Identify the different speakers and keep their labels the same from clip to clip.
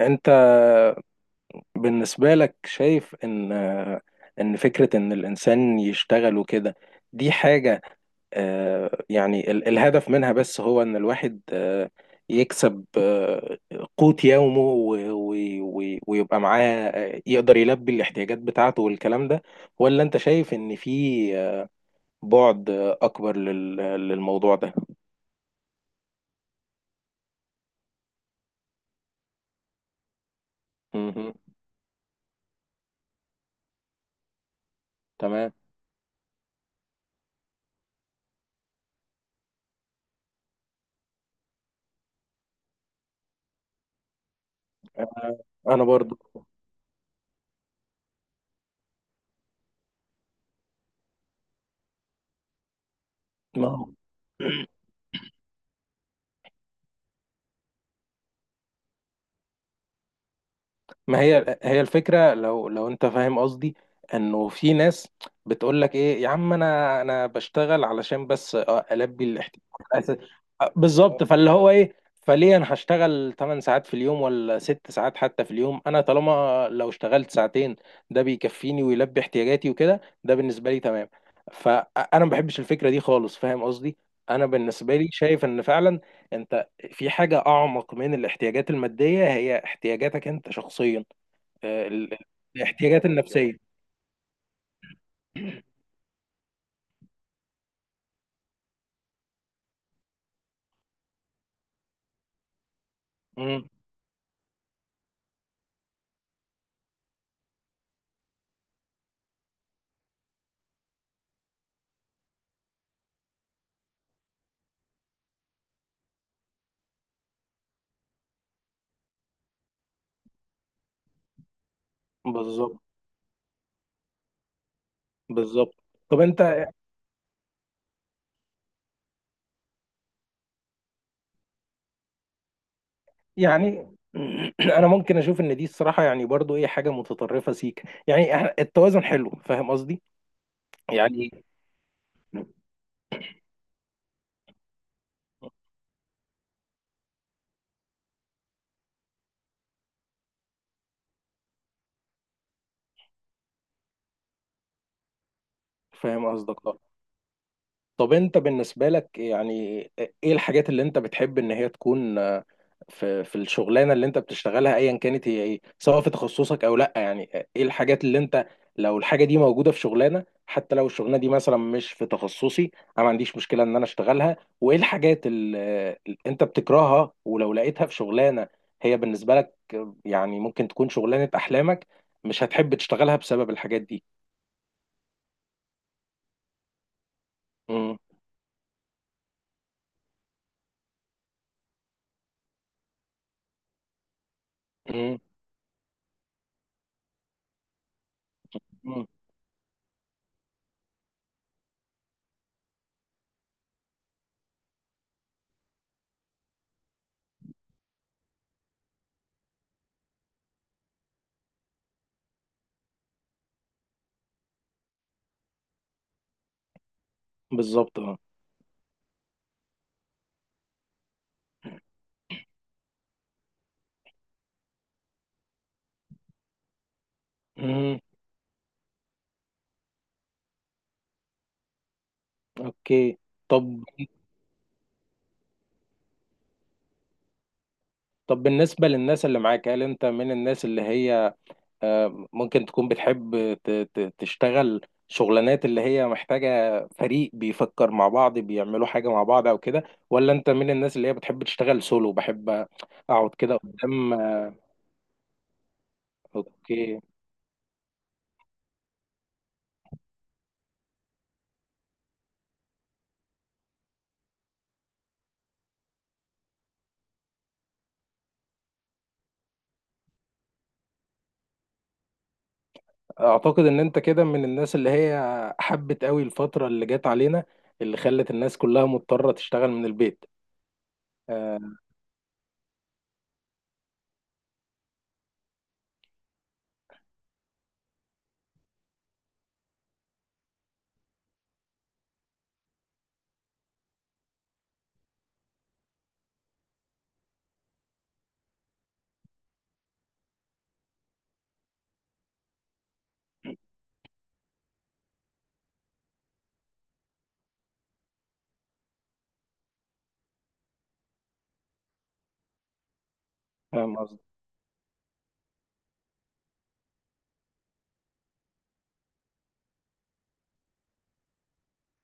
Speaker 1: انت بالنسبة لك شايف ان فكرة ان الانسان يشتغل وكده دي حاجة الهدف منها بس هو ان الواحد يكسب قوت يومه ويبقى معاه يقدر يلبي الاحتياجات بتاعته والكلام ده، ولا انت شايف ان في آه، بعد اكبر للموضوع ده؟ مهم. تمام. آه، انا برضو. ما هو ما هي الفكرة، لو انت فاهم قصدي، انه في ناس بتقول لك ايه يا عم، انا بشتغل علشان بس اه البي الاحتياج الأساسي. اه بالظبط، فاللي هو ايه، فليه انا هشتغل 8 ساعات في اليوم ولا 6 ساعات حتى في اليوم، انا طالما لو اشتغلت ساعتين ده بيكفيني ويلبي احتياجاتي وكده، ده بالنسبة لي تمام. فانا ما بحبش الفكرة دي خالص، فاهم قصدي. انا بالنسبة لي شايف ان فعلا انت في حاجة أعمق من الاحتياجات المادية، هي احتياجاتك أنت شخصيا. آه، ال- الاحتياجات النفسية. مم. بالظبط. بالظبط. طب أنت يعني أنا ممكن أشوف إن دي الصراحة يعني برضو إيه حاجة متطرفة سيك، يعني التوازن حلو، فاهم قصدي؟ يعني فاهم قصدك. طب انت بالنسبة لك يعني ايه الحاجات اللي انت بتحب ان هي تكون في الشغلانة اللي انت بتشتغلها ايا كانت هي ايه، سواء في تخصصك او لا، يعني ايه الحاجات اللي انت، لو الحاجة دي موجودة في شغلانة حتى لو الشغلانة دي مثلا مش في تخصصي انا ما عنديش مشكلة ان انا اشتغلها، وايه الحاجات اللي اللي انت بتكرهها ولو لقيتها في شغلانة هي بالنسبة لك، يعني ممكن تكون شغلانة احلامك مش هتحب تشتغلها بسبب الحاجات دي. امم. امم. بالظبط اه. اوكي. طب طب بالنسبة للناس اللي معاك، هل انت من الناس اللي هي ممكن تكون بتحب تشتغل شغلانات اللي هي محتاجة فريق بيفكر مع بعض بيعملوا حاجة مع بعض او كده، ولا انت من الناس اللي هي بتحب تشتغل سولو؟ بحب اقعد كده قدام. اوكي. اعتقد ان انت كده من الناس اللي هي حبت قوي الفترة اللي جت علينا، اللي خلت الناس كلها مضطرة تشتغل من البيت. آه، فاهم.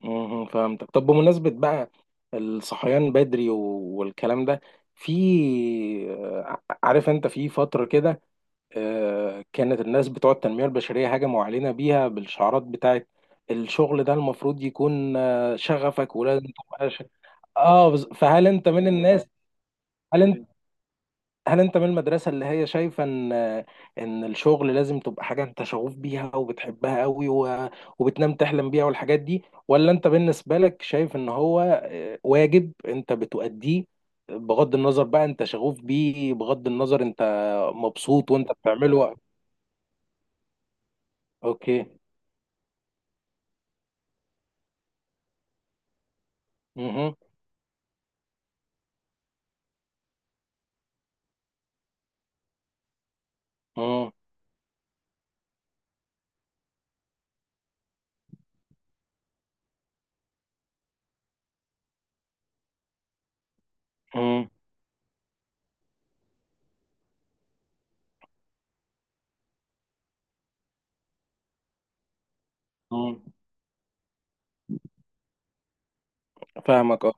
Speaker 1: مهم. فهمتك. طب بمناسبة بقى الصحيان بدري والكلام ده، في عارف انت في فترة كده كانت الناس بتوع التنمية البشرية هجموا علينا بيها بالشعارات بتاعت الشغل ده، المفروض يكون شغفك ولازم تبقى ش... اه فهل انت من الناس، هل انت هل انت من المدرسة اللي هي شايفة ان ان الشغل لازم تبقى حاجة انت شغوف بيها وبتحبها قوي و... وبتنام تحلم بيها والحاجات دي، ولا انت بالنسبة لك شايف ان هو واجب انت بتؤديه بغض النظر بقى انت شغوف بيه، بغض النظر انت مبسوط وانت بتعمله؟ اوكي. مهم. مم. مم. مم. فاهمك اه.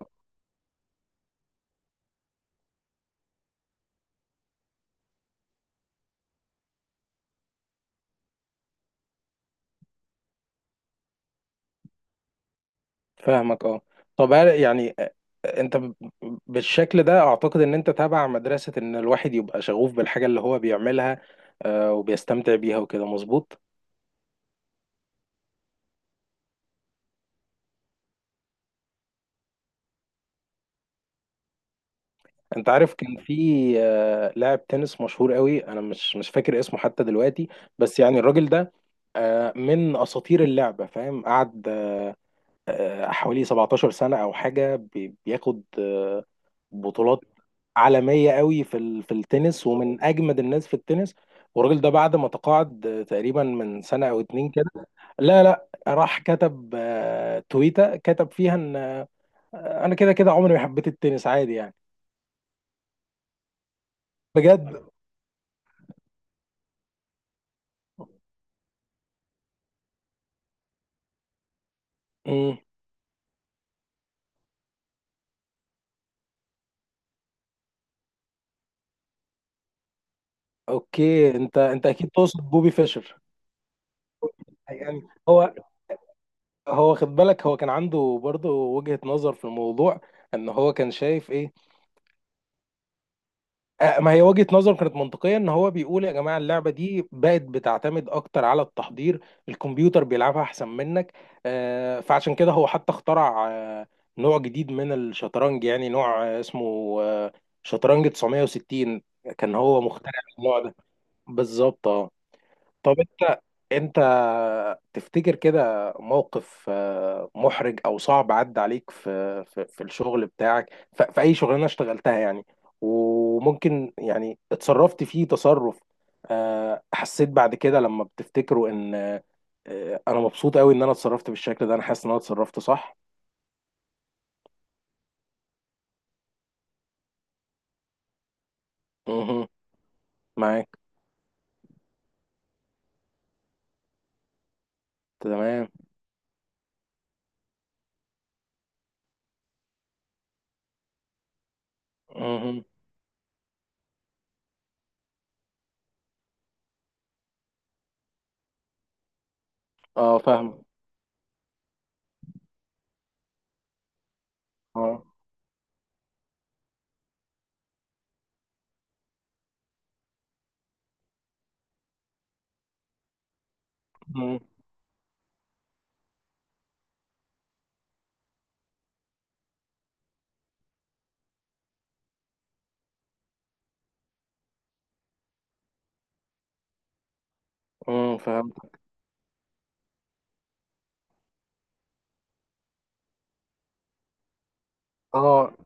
Speaker 1: فاهمك اه. طب هل- يعني انت بالشكل ده اعتقد ان انت تابع مدرسة ان الواحد يبقى شغوف بالحاجة اللي هو بيعملها وبيستمتع بيها وكده، مظبوط؟ انت عارف كان في لاعب تنس مشهور قوي، انا مش فاكر اسمه حتى دلوقتي، بس يعني الراجل ده من اساطير اللعبه، فاهم، قعد حوالي 17 سنه او حاجه بياخد بطولات عالميه قوي في في التنس، ومن اجمد الناس في التنس. والراجل ده بعد ما تقاعد تقريبا من سنه او اتنين كده، لا راح كتب تويته، كتب فيها ان انا كده كده عمري ما حبيت التنس، عادي يعني. بجد. مم. اوكي، انت اكيد تقصد بوبي فيشر. يعني هو، هو خد بالك هو كان عنده برضه وجهة نظر في الموضوع، ان هو كان شايف ايه. آه ما هي وجهة نظر كانت منطقية، ان هو بيقول يا جماعة اللعبة دي بقت بتعتمد اكتر على التحضير، الكمبيوتر بيلعبها احسن منك. آه فعشان كده هو حتى اخترع آه نوع جديد من الشطرنج، يعني نوع آه اسمه آه شطرنج 960. كان هو مخترع النوع ده. بالظبط آه. طب انت تفتكر كده موقف محرج او صعب عدى عليك في الشغل بتاعك في اي شغلانه اشتغلتها، يعني وممكن يعني اتصرفت فيه تصرف حسيت بعد كده لما بتفتكره ان انا مبسوط قوي ان انا اتصرفت بالشكل ده، انا حاسس ان انا اتصرفت صح؟ مهم. معاك. تمام. مهم. اه فاهم. اه. مم. مم. فهمت. اه.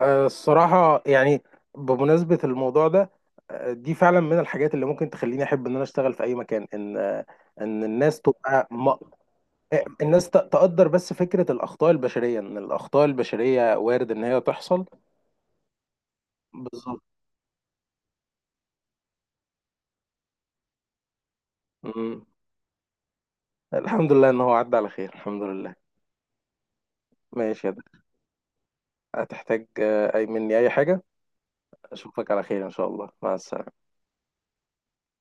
Speaker 1: الصراحة يعني بمناسبة الموضوع ده، دي فعلا من الحاجات اللي ممكن تخليني أحب إن أنا أشتغل في أي مكان، إن إن الناس تبقى م... الناس تقدر، بس فكرة الأخطاء البشرية إن الأخطاء البشرية وارد إن هي تحصل. بالظبط. مم. الحمد لله إن هو عدى على خير، الحمد لله. ماشي يا ده، هتحتاج أي مني أي حاجة؟ أشوفك على خير إن شاء الله، مع السلامة.